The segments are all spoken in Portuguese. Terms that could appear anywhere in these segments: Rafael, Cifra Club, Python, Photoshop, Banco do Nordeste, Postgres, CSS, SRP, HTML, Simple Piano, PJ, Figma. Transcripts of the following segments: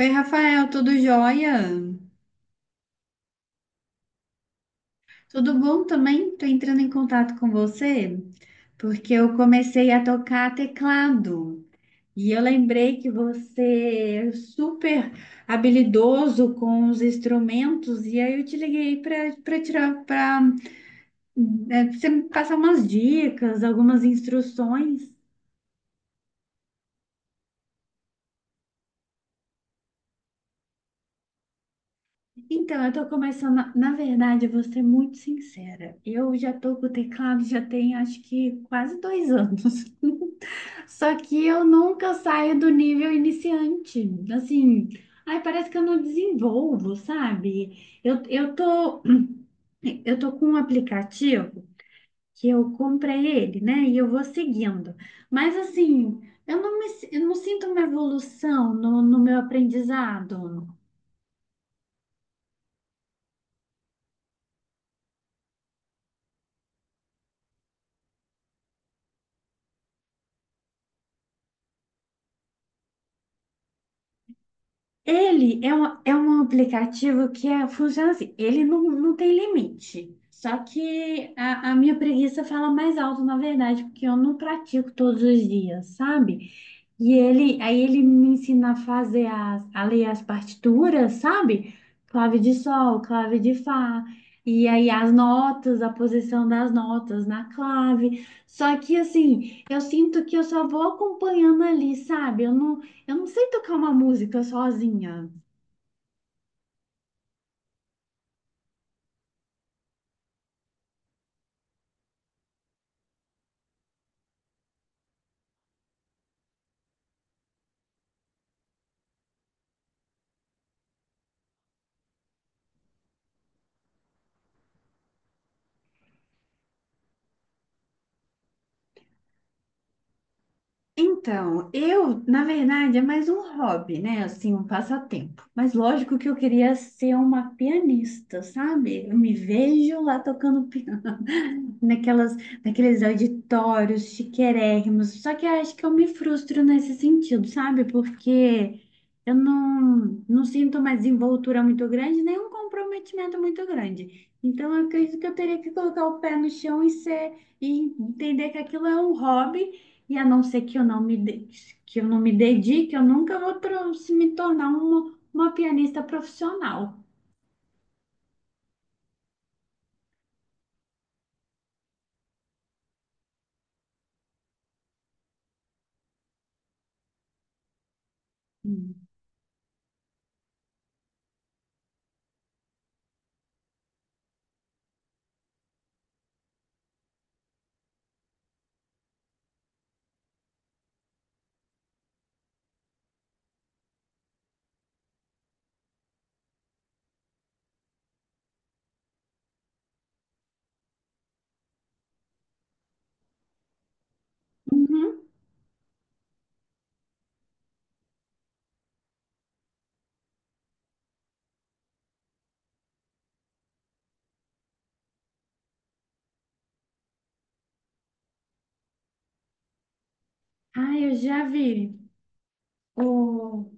Oi, Rafael, tudo jóia? Tudo bom também? Tô entrando em contato com você porque eu comecei a tocar teclado e eu lembrei que você é super habilidoso com os instrumentos e aí eu te liguei para tirar para você me passar umas dicas, algumas instruções. Então, eu tô começando, na verdade, eu vou ser muito sincera. Eu já tô com o teclado já tem acho que quase 2 anos. Só que eu nunca saio do nível iniciante. Assim, ai, parece que eu não desenvolvo, sabe? Eu tô, eu tô com um aplicativo que eu comprei ele, né? E eu vou seguindo. Mas assim, eu não me, eu não sinto uma evolução no meu aprendizado. Ele é um aplicativo que é, funciona assim, ele não, não tem limite. Só que a minha preguiça fala mais alto, na verdade, porque eu não pratico todos os dias, sabe? E ele, aí ele me ensina a fazer as, a ler as partituras, sabe? Clave de sol, clave de fá, e aí as notas, a posição das notas na clave. Só que assim, eu sinto que eu só vou acompanhando ali, sabe? Eu não sei tocar uma música sozinha. Então, eu, na verdade, é mais um hobby, né? Assim, um passatempo. Mas lógico que eu queria ser uma pianista, sabe? Eu me vejo lá tocando naquelas, naqueles auditórios chiquérrimos. Só que eu acho que eu me frustro nesse sentido, sabe? Porque eu não, não sinto mais envoltura muito grande, nem um comprometimento muito grande. Então, eu acredito que eu teria que colocar o pé no chão e ser, e entender que aquilo é um hobby, e a não ser que eu não me, que eu não me dedique, eu nunca vou se me tornar uma pianista profissional. Uhum. Ah, eu já vi. O...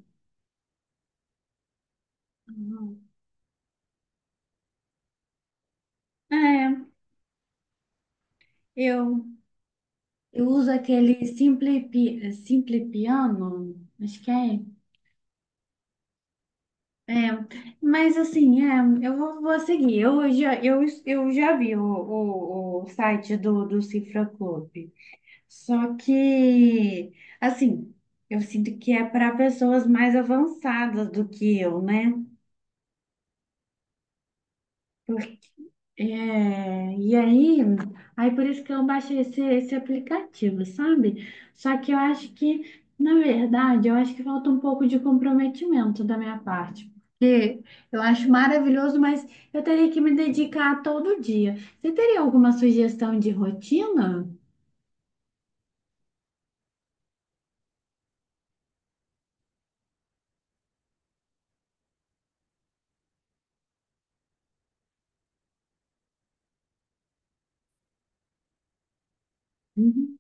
É, eu, eu uso aquele Simple Piano, acho que é. É, mas assim, é, eu vou, vou seguir. Eu já vi o site do, do Cifra Club. Só que, assim, eu sinto que é para pessoas mais avançadas do que eu, né? É, e aí, aí por isso que eu baixei esse, esse aplicativo, sabe? Só que eu acho que, na verdade, eu acho que falta um pouco de comprometimento da minha parte. Eu acho maravilhoso, mas eu teria que me dedicar todo dia. Você teria alguma sugestão de rotina? Uhum.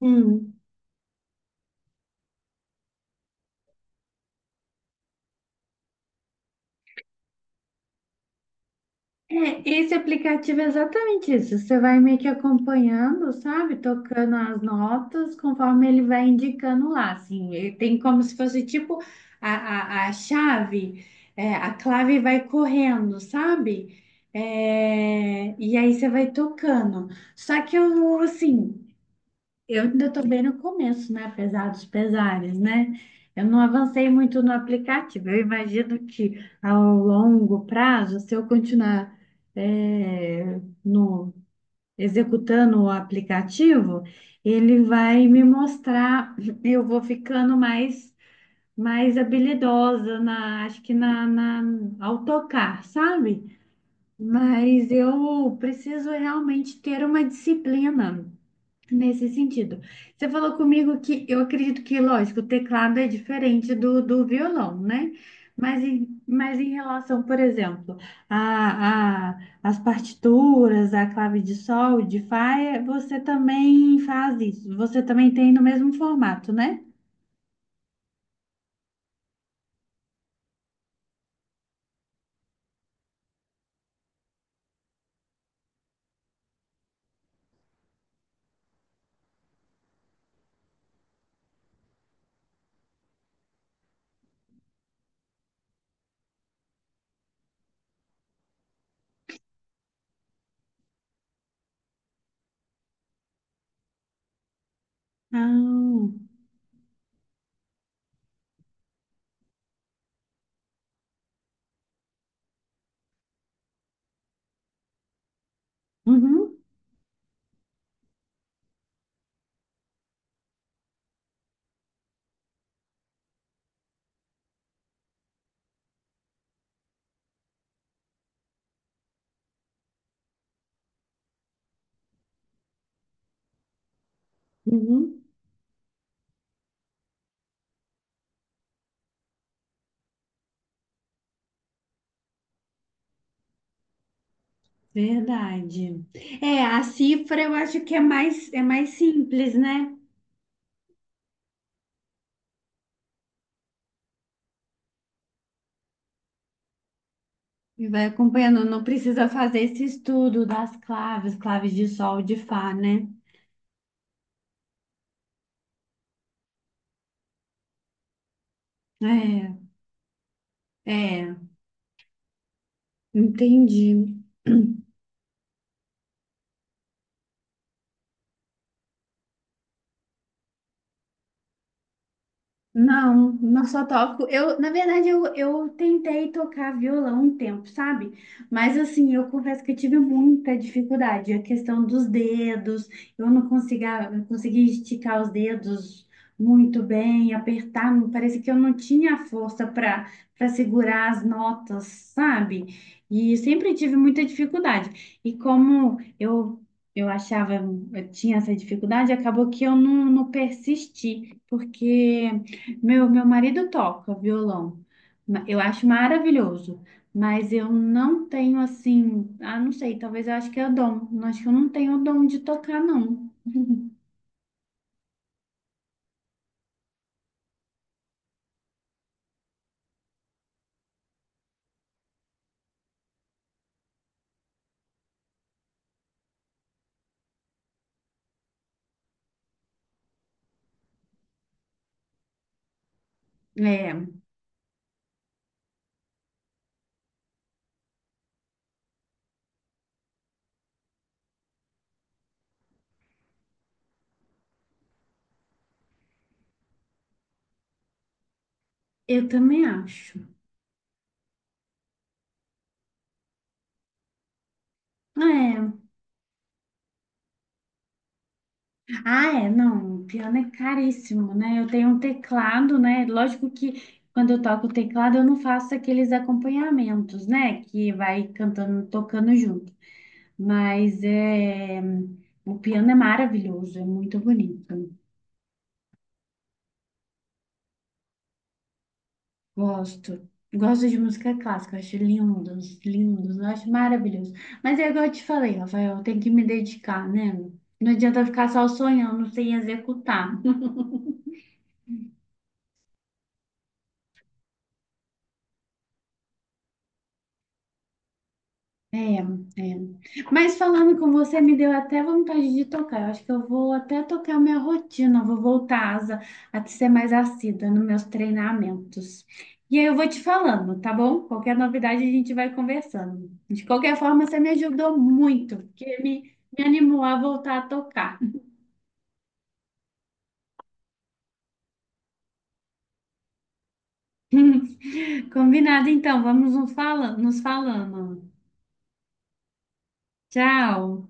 Hum. É, esse aplicativo é exatamente isso. Você vai meio que acompanhando, sabe? Tocando as notas conforme ele vai indicando lá, assim. Ele tem como se fosse tipo a chave, é, a clave vai correndo, sabe? É, e aí você vai tocando. Só que eu, assim. Eu ainda estou bem no começo, né? Apesar dos pesares, né? Eu não avancei muito no aplicativo. Eu imagino que ao longo prazo, se eu continuar é, no, executando o aplicativo, ele vai me mostrar, eu vou ficando mais, mais habilidosa na, acho que na, na, ao tocar, sabe? Mas eu preciso realmente ter uma disciplina. Nesse sentido. Você falou comigo que eu acredito que, lógico, o teclado é diferente do violão, né? Mas em relação, por exemplo, a, as partituras, a clave de sol, de fá, é- você também faz isso. Você também tem no mesmo formato, né? Ah, uhum, uhum, verdade. É, a cifra eu acho que é mais simples, né? E vai acompanhando, não precisa fazer esse estudo das claves, claves de sol, de fá, né? É, é, entendi. Não, não só toco. Eu, na verdade, eu tentei tocar violão um tempo, sabe? Mas assim, eu confesso que eu tive muita dificuldade. A questão dos dedos, eu não conseguia, eu conseguia esticar os dedos muito bem, apertar. Parece que eu não tinha força para segurar as notas, sabe? E sempre tive muita dificuldade. E como eu achava, eu tinha essa dificuldade, acabou que eu não, não persisti, porque meu marido toca violão. Eu acho maravilhoso, mas eu não tenho assim, ah, não sei, talvez eu acho que é o dom. Eu acho que eu não tenho o dom de tocar, não. É, eu também acho. É. Ah, é, não, o piano é caríssimo, né? Eu tenho um teclado, né? Lógico que quando eu toco o teclado, eu não faço aqueles acompanhamentos, né? Que vai cantando, tocando junto. Mas é, o piano é maravilhoso, é muito bonito. Gosto. Gosto de música clássica, acho lindos, lindos, eu acho maravilhoso. Mas é igual eu te falei, Rafael, tem que me dedicar, né? Não adianta ficar só sonhando sem executar. É, é. Mas falando com você, me deu até vontade de tocar. Eu acho que eu vou até tocar minha rotina, vou voltar a ser mais assídua nos meus treinamentos. E aí eu vou te falando, tá bom? Qualquer novidade a gente vai conversando. De qualquer forma, você me ajudou muito, porque me animou a voltar a tocar. Combinado, então, vamos nos falando, nos falando. Tchau!